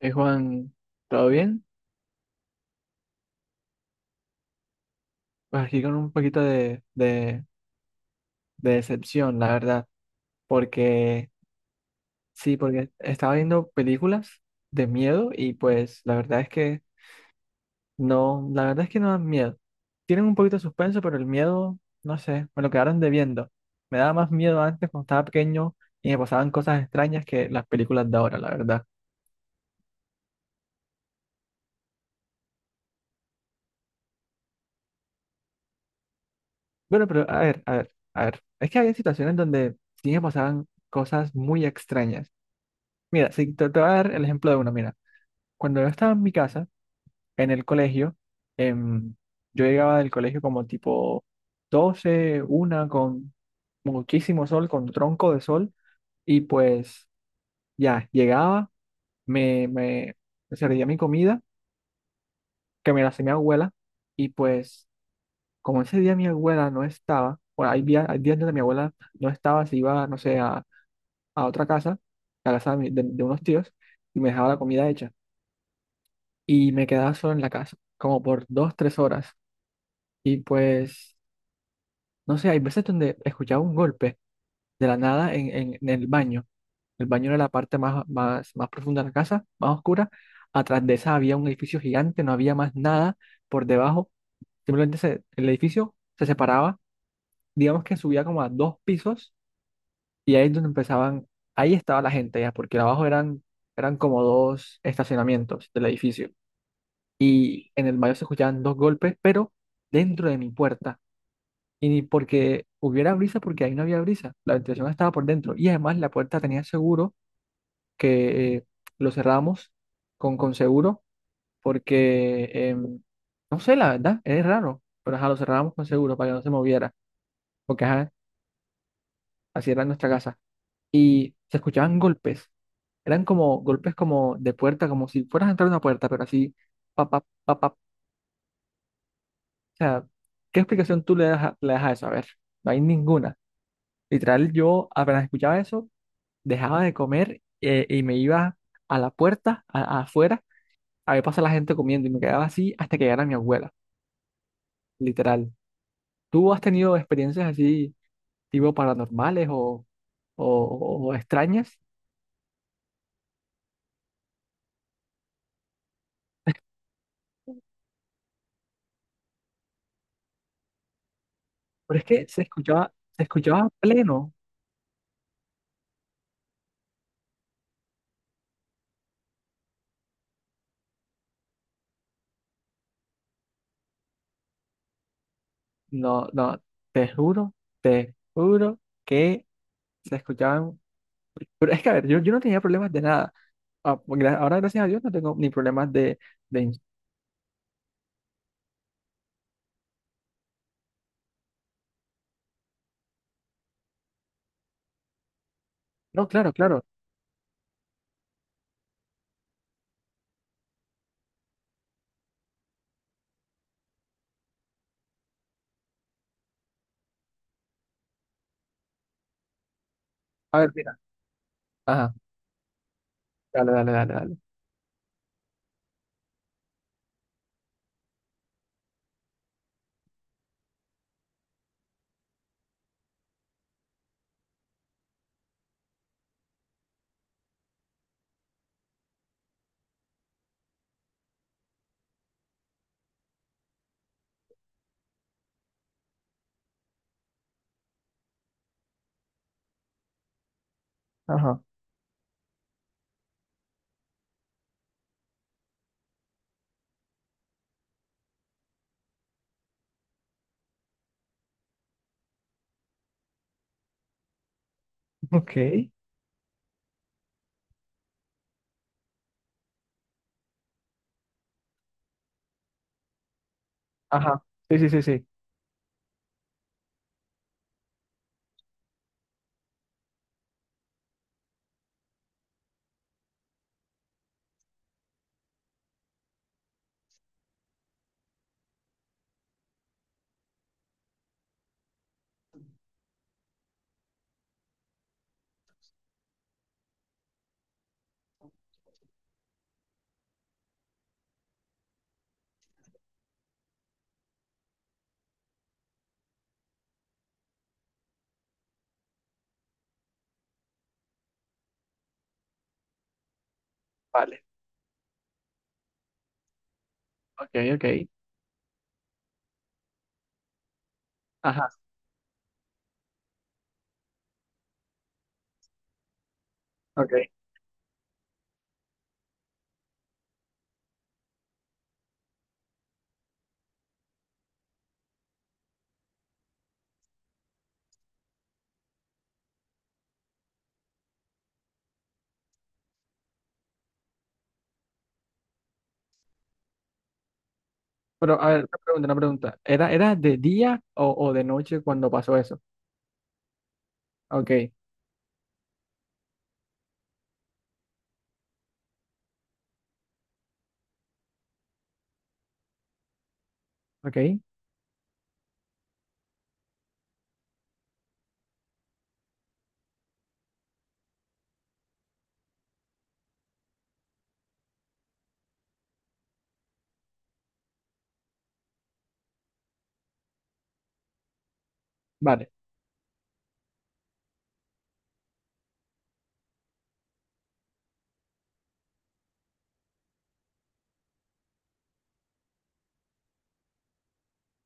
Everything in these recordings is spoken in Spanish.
Juan, ¿todo bien? Pues aquí con un poquito de decepción, la verdad, porque sí, porque estaba viendo películas de miedo y pues la verdad es que no, la verdad es que no dan miedo. Tienen un poquito de suspenso, pero el miedo, no sé, me lo quedaron debiendo. Me daba más miedo antes cuando estaba pequeño y me pasaban cosas extrañas que las películas de ahora, la verdad. Bueno, pero a ver, a ver, a ver, es que había situaciones donde sí me pasaban cosas muy extrañas. Mira, sí, te voy a dar el ejemplo de uno. Mira, cuando yo estaba en mi casa, en el colegio, em, yo llegaba del colegio como tipo 12 una, con muchísimo sol, con tronco de sol. Y pues ya, llegaba, me servía mi comida, que me la hacía mi abuela. Y pues como ese día mi abuela no estaba, bueno, hay días donde mi abuela no estaba, se iba, no sé, a otra casa, a la casa de, de unos tíos, y me dejaba la comida hecha. Y me quedaba solo en la casa, como por 2, 3 horas. Y pues, no sé, hay veces donde escuchaba un golpe de la nada en el baño. El baño era la parte más, más, más profunda de la casa, más oscura. Atrás de esa había un edificio gigante, no había más nada por debajo. Simplemente el edificio se separaba, digamos que subía como a dos pisos, y ahí es donde empezaban, ahí estaba la gente ya, porque abajo eran, como dos estacionamientos del edificio. Y en el mayo se escuchaban dos golpes, pero dentro de mi puerta. Y ni porque hubiera brisa, porque ahí no había brisa, la ventilación estaba por dentro. Y además la puerta tenía seguro, que lo cerramos con seguro, porque, no sé, la verdad, es raro, pero ajá, lo cerrábamos con seguro para que no se moviera, porque ajá, así era nuestra casa. Y se escuchaban golpes, eran como golpes como de puerta, como si fueras a entrar a una puerta, pero así, papá, papá. O sea, ¿qué explicación tú le das le das a eso? A ver, no hay ninguna. Literal, yo apenas escuchaba eso, dejaba de comer, y me iba a la puerta, afuera, a ver pasar la gente comiendo y me quedaba así hasta que llegara mi abuela, literal. ¿Tú has tenido experiencias así, tipo paranormales o, o extrañas? Pero es que se escuchaba pleno. No, no, te juro, te juro que se escuchaban. Pero es que, a ver, yo, no tenía problemas de nada. Ah, pues ahora, gracias a Dios, no tengo ni problemas de... ins- No, claro, claro. A ver, mira. Ajá. Dale, dale, dale, dale. Ajá. Ok. Ajá. Sí, sí, sí, sí. Vale. Ok, ok. Ajá. Ok. Pero, a ver, una pregunta, una pregunta. ¿Era de día o de noche cuando pasó eso? Ok, ok. Vale.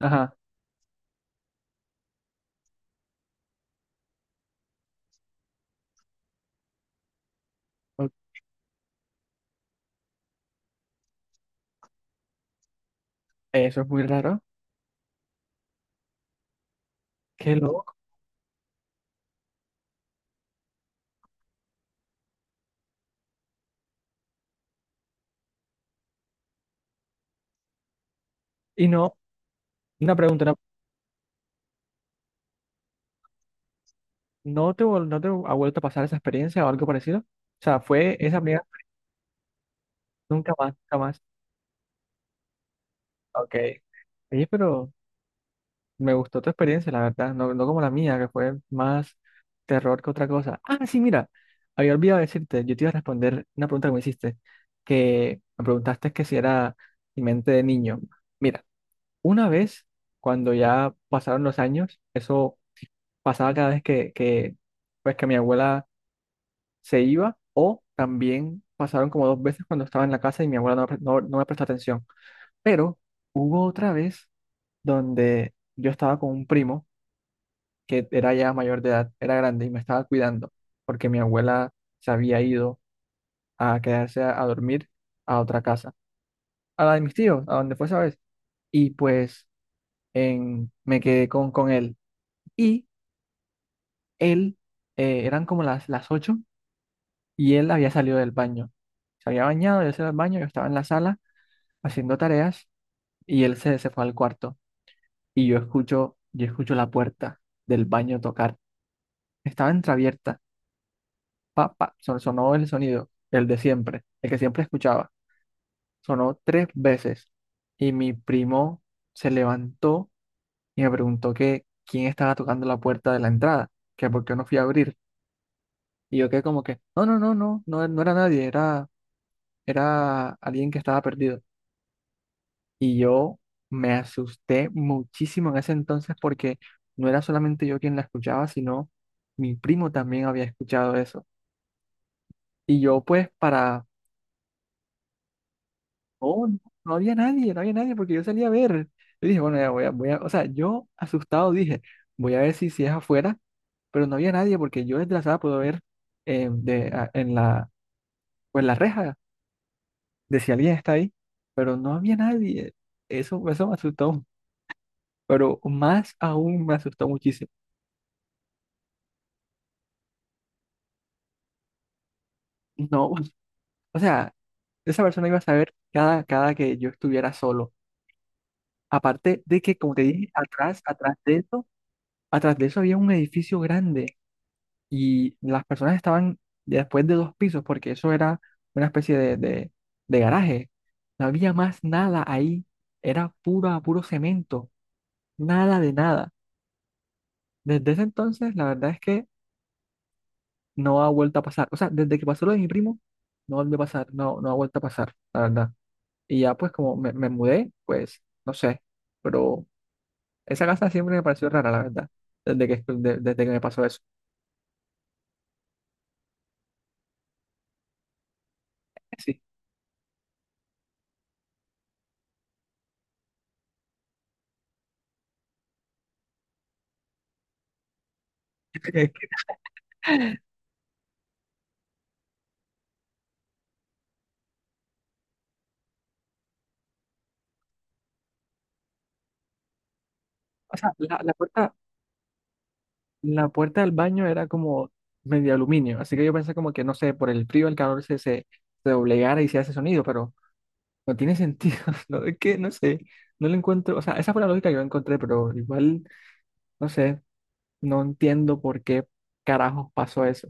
Ajá. Ok. Eso es muy raro. Qué loco. Y no, una pregunta, ¿no te ha vuelto a pasar esa experiencia o algo parecido? O sea, fue esa primera, nunca más, nunca más. Ok. Oye, pero. Me gustó tu experiencia, la verdad, no, no como la mía, que fue más terror que otra cosa. Ah, sí, mira, había olvidado decirte, yo te iba a responder una pregunta que me hiciste, que me preguntaste que si era mi mente de niño. Mira, una vez, cuando ya pasaron los años, eso pasaba cada vez pues, que mi abuela se iba, o también pasaron como dos veces cuando estaba en la casa y mi abuela no me prestó atención. Pero hubo otra vez donde yo estaba con un primo que era ya mayor de edad, era grande y me estaba cuidando porque mi abuela se había ido a quedarse a, dormir a otra casa, a la de mis tíos, a donde fue esa vez. Y pues me quedé con él. Y él, eran como las 8 y él había salido del baño. Se había bañado, yo se iba al baño, yo estaba en la sala haciendo tareas y él se fue al cuarto. Y yo escucho la puerta del baño tocar. Estaba entreabierta, pa, pa, sonó el sonido, el de siempre, el que siempre escuchaba. Sonó tres veces y mi primo se levantó y me preguntó que quién estaba tocando la puerta de la entrada, que por qué no fui a abrir. Y yo quedé como que, no, no, no, no, no, no era nadie, era alguien que estaba perdido. Y yo me asusté muchísimo en ese entonces porque no era solamente yo quien la escuchaba, sino mi primo también había escuchado eso. Y yo pues para. Oh, no, no había nadie, no había nadie porque yo salí a ver. Yo dije, bueno, ya o sea, yo asustado dije, voy a ver si es afuera, pero no había nadie porque yo desde la sala puedo ver, de, en la, pues la reja, de si alguien está ahí, pero no había nadie. Eso me asustó, pero más aún me asustó muchísimo. No, o sea, esa persona iba a saber cada que yo estuviera solo. Aparte de que, como te dije, atrás de eso había un edificio grande y las personas estaban después de dos pisos, porque eso era una especie de garaje. No había más nada ahí, era puro, puro cemento, nada de nada. Desde ese entonces, la verdad es que no ha vuelto a pasar. O sea, desde que pasó lo de mi primo, no volvió a pasar, no, no ha vuelto a pasar, la verdad. Y ya pues como me mudé, pues no sé, pero esa casa siempre me pareció rara, la verdad, desde que me pasó eso. Sí. O sea, la puerta. La puerta del baño era como medio aluminio, así que yo pensé como que, no sé, por el frío, el calor se doblegara y se hace sonido, pero no tiene sentido, ¿no? Es que, no sé, no lo encuentro, o sea, esa fue la lógica que yo encontré, pero igual, no sé, no entiendo por qué carajos pasó eso.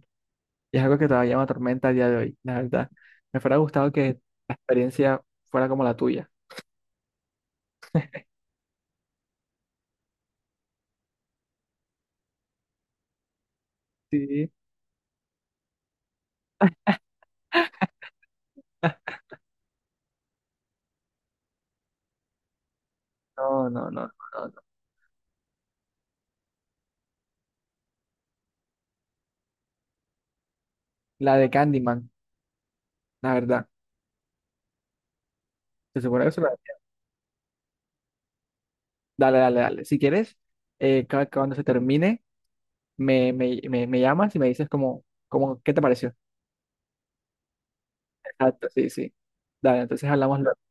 Y es algo que todavía me atormenta a día de hoy, la verdad. Me fuera gustado que la experiencia fuera como la tuya. Sí. No, no, no, no, no. La de Candyman, la verdad. Se supone que eso. Dale, dale, dale. Si quieres, cuando se termine, me llamas y me dices ¿qué te pareció? Exacto, sí, sí. Dale, entonces hablamos luego.